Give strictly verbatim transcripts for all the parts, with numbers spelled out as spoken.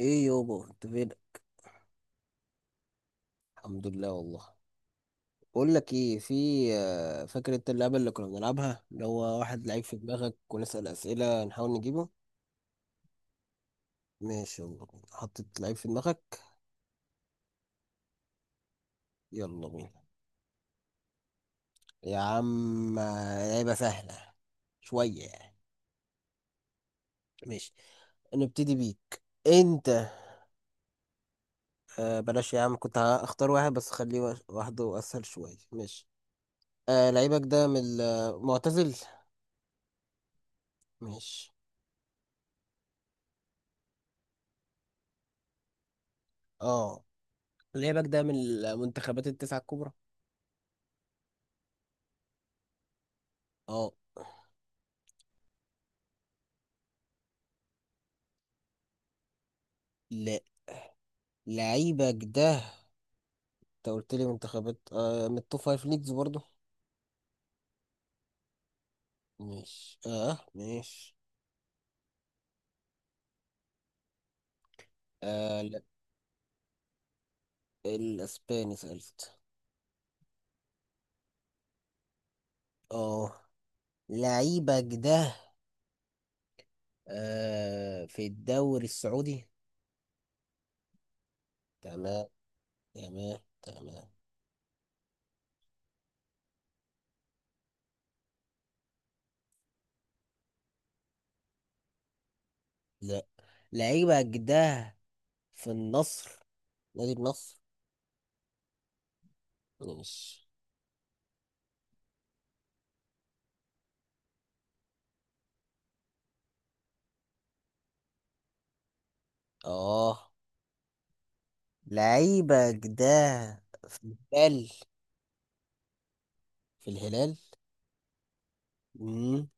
ايه يابا، انت فين؟ الحمد لله والله. بقول لك ايه، في آه، فاكر انت اللعبه اللي كنا بنلعبها، اللي هو واحد لعيب في دماغك ونسال اسئله نحاول نجيبه؟ ماشي، يلا بينا. حطيت لعيب في دماغك. يلا بينا. يا عم آه، لعبه سهله شويه يعني. ماشي، نبتدي بيك انت. آه بلاش يا عم، كنت هختار واحد بس خليه وا- واحده اسهل شويه. ماشي. آه، لعيبك ده من المعتزل؟ ماشي. اه، لعيبك ده من المنتخبات التسعه الكبرى؟ اه. لا، لعيبك ده انت قلت لي منتخبات آه من التوب فايف ليجز برضو. ماشي، اه ماشي. آه لا. الاسباني سألت. اه. لعيبك ده آه في الدوري السعودي. تمام. تمام تمام. لا، لعيبك ده في النصر، نادي النصر. ماشي. اه. لعيبك ده في الهلال، في الهلال. امم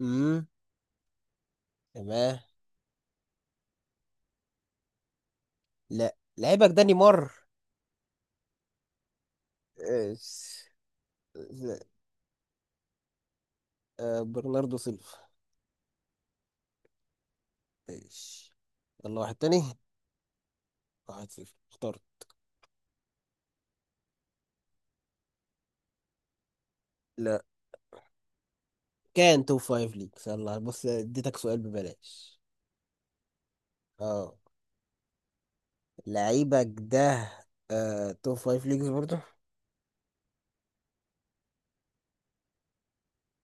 امم تمام. لا، لعيبك ده نيمار. آه، لا، آه، برناردو سيلفا. ماشي. يلا واحد تاني. واحد صفر، اختار. لا، كان توب فايف ليك. يلا بص، اديتك سؤال ببلاش. اه. لعيبك ده آه، توب فايف ليجز برضو،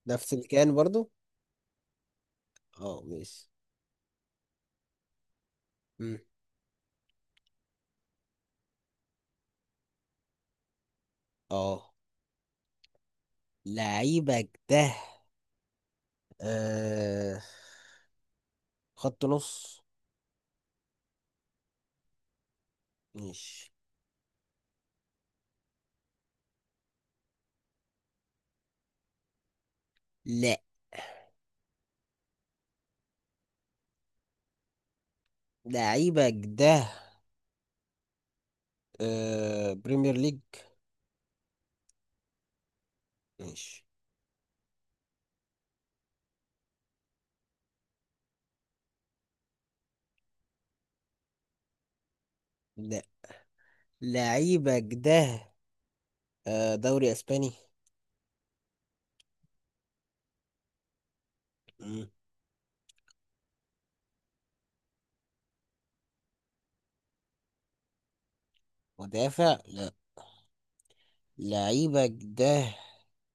نفس اللي كان برضو. اه ماشي. مم. اه. لعيبك ده آه خط نص. ماشي. لا، لعيبك ده آه بريمير ليج. ماشي. لا، لعيبك ده آه، دوري اسباني. مم. مدافع لا. لعيبك ده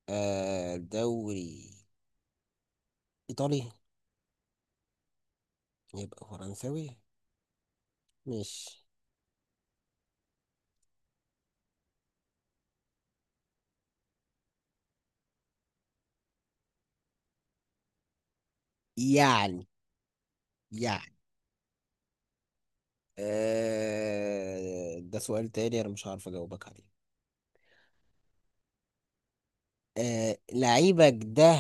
آه، دوري ايطالي. يبقى فرنساوي مش؟ يعني يعني آه، ده سؤال تاني، انا مش عارف اجاوبك عليه. آه، لعيبك ده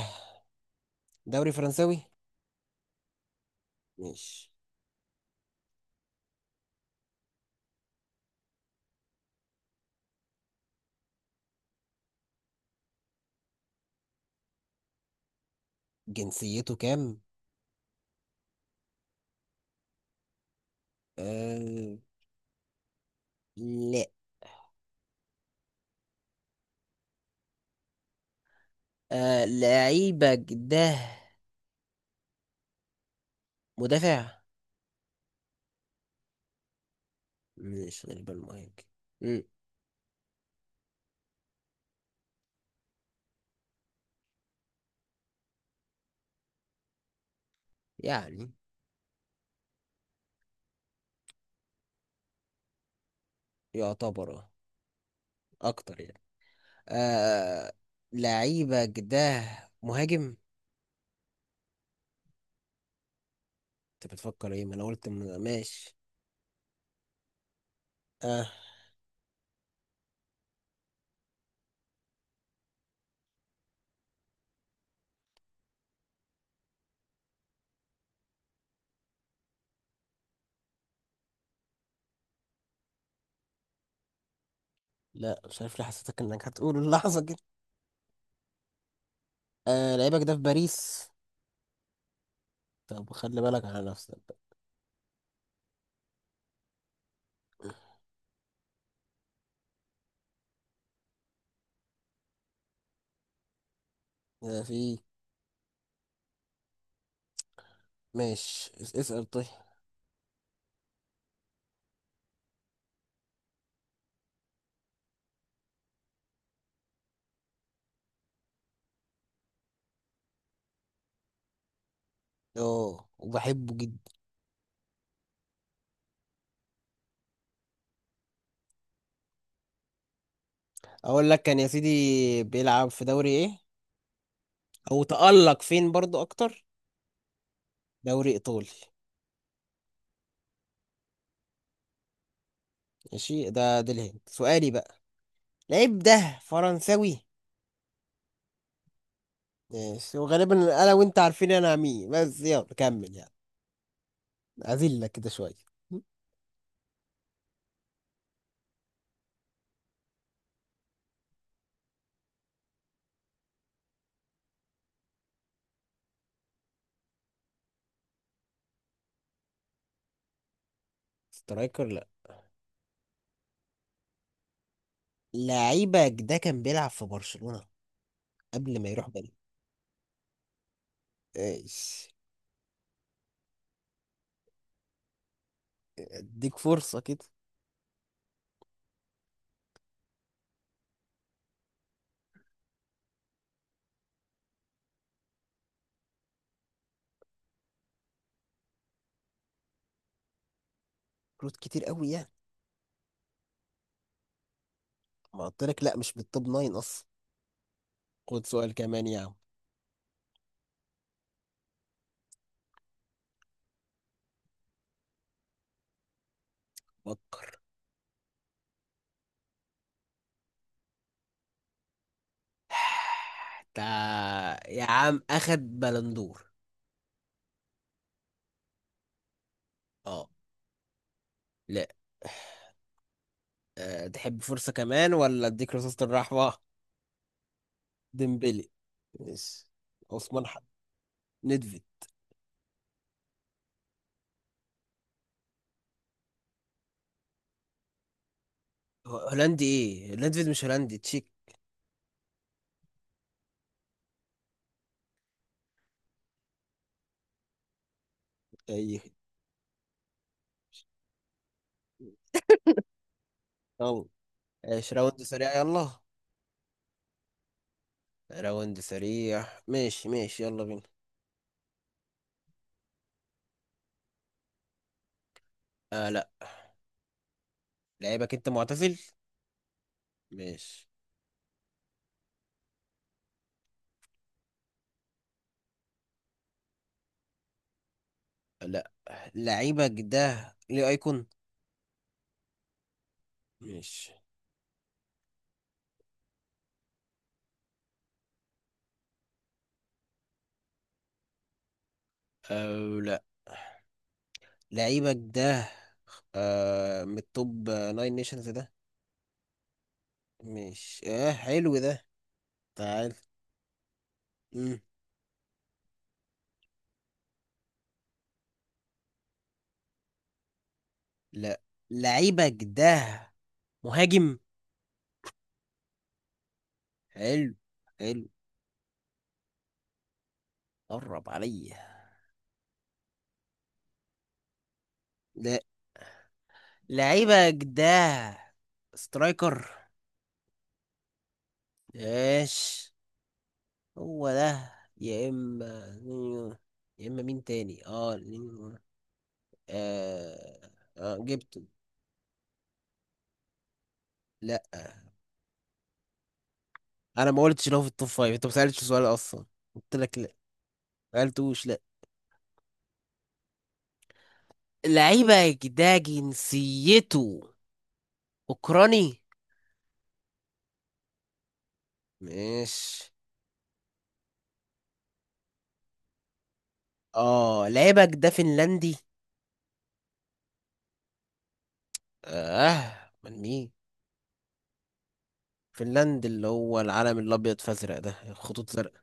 دوري فرنساوي مش؟ جنسيته كام؟ آه، لا. آه، لعيبك ده مدافع مش؟ غالبا مهاجم يعني. يعتبر آه، اكتر يعني. آه، لعيبك ده مهاجم. انت بتفكر ايه؟ ما انا قلت م- ماشي. اه. لا، مش عارف ليه حسيتك انك هتقول اللحظة كده. آه، لعيبك ده في باريس. طب خلي بالك على نفسك بقى. آه. في. ماشي اس- اسأل طيب. اه، وبحبه جدا. اقول لك، كان يا سيدي بيلعب في دوري ايه؟ او تألق فين برضو اكتر؟ دوري ايطالي. ماشي. ده ده الهند سؤالي بقى. لعيب ده فرنساوي. ماشي. وغالبا انا وانت عارفين انا مين، بس يلا كمل يعني. اذلك كده شويه. سترايكر لا. لعيبك ده كان بيلعب في برشلونة قبل ما يروح. بالي؟ ايش؟ اديك فرصة كده. كروت كتير قوي يعني. ما قلت لك لا، مش بالتوب ناين اصلا. خد سؤال كمان يا عم. فكر. تا. يا عم اخد بلندور. اه. لا. أه تحب فرصة كمان، ولا اديك رصاصة الرحمة؟ ديمبلي. ماشي. عثمان حد ندفد. هو- هولندي ايه؟ ليدفيد مش هولندي، تشيك. ايه. يلا. ايش راوند سريع، يلا. راوند سريع. ماشي ماشي، يلا بينا. آه لا، لعيبك انت معتزل. ماشي. لا، لعيبك ده ليه ايكون. ماشي. او لا. لعيبك ده آه، من التوب ناين نيشنز ده. ماشي. اه حلو ده. تعال. مم. لا، لعيبك ده مهاجم. حلو. حلو. قرب عليا. لا، لعيبة جداه. سترايكر. ايش. هو ده يا اما نينيو، يا اما مين تاني. اه نينيو. آه، آه جبته. لا. انا ما قلتش لو في التوب فايف، انت ما سالتش سؤال اصلا. قلت لك لا، ما قلتوش لا. لعيبة ده جنسيته اوكراني. ماشي. اه، لعيبة ده فنلندي. اه، من مين؟ فنلند اللي هو العلم الابيض فازرق ده، خطوط زرق.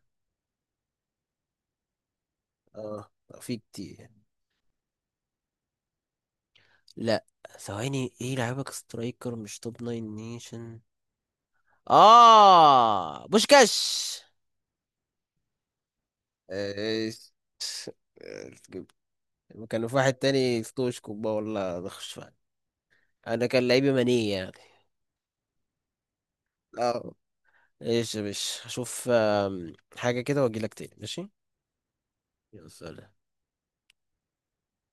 اه، في كتير. لا، ثواني. ايه لعيبك؟ سترايكر مش توب ناين نيشن. اه، بوشكاش. ايش. جبت؟ كان في واحد تاني، ستوشكو بقى، والله بخش فعلا. انا كان لعيبي ماني يعني. اه. ايش يا باشا، اشوف آم، حاجة كده واجيلك تاني. ماشي. يا سلام.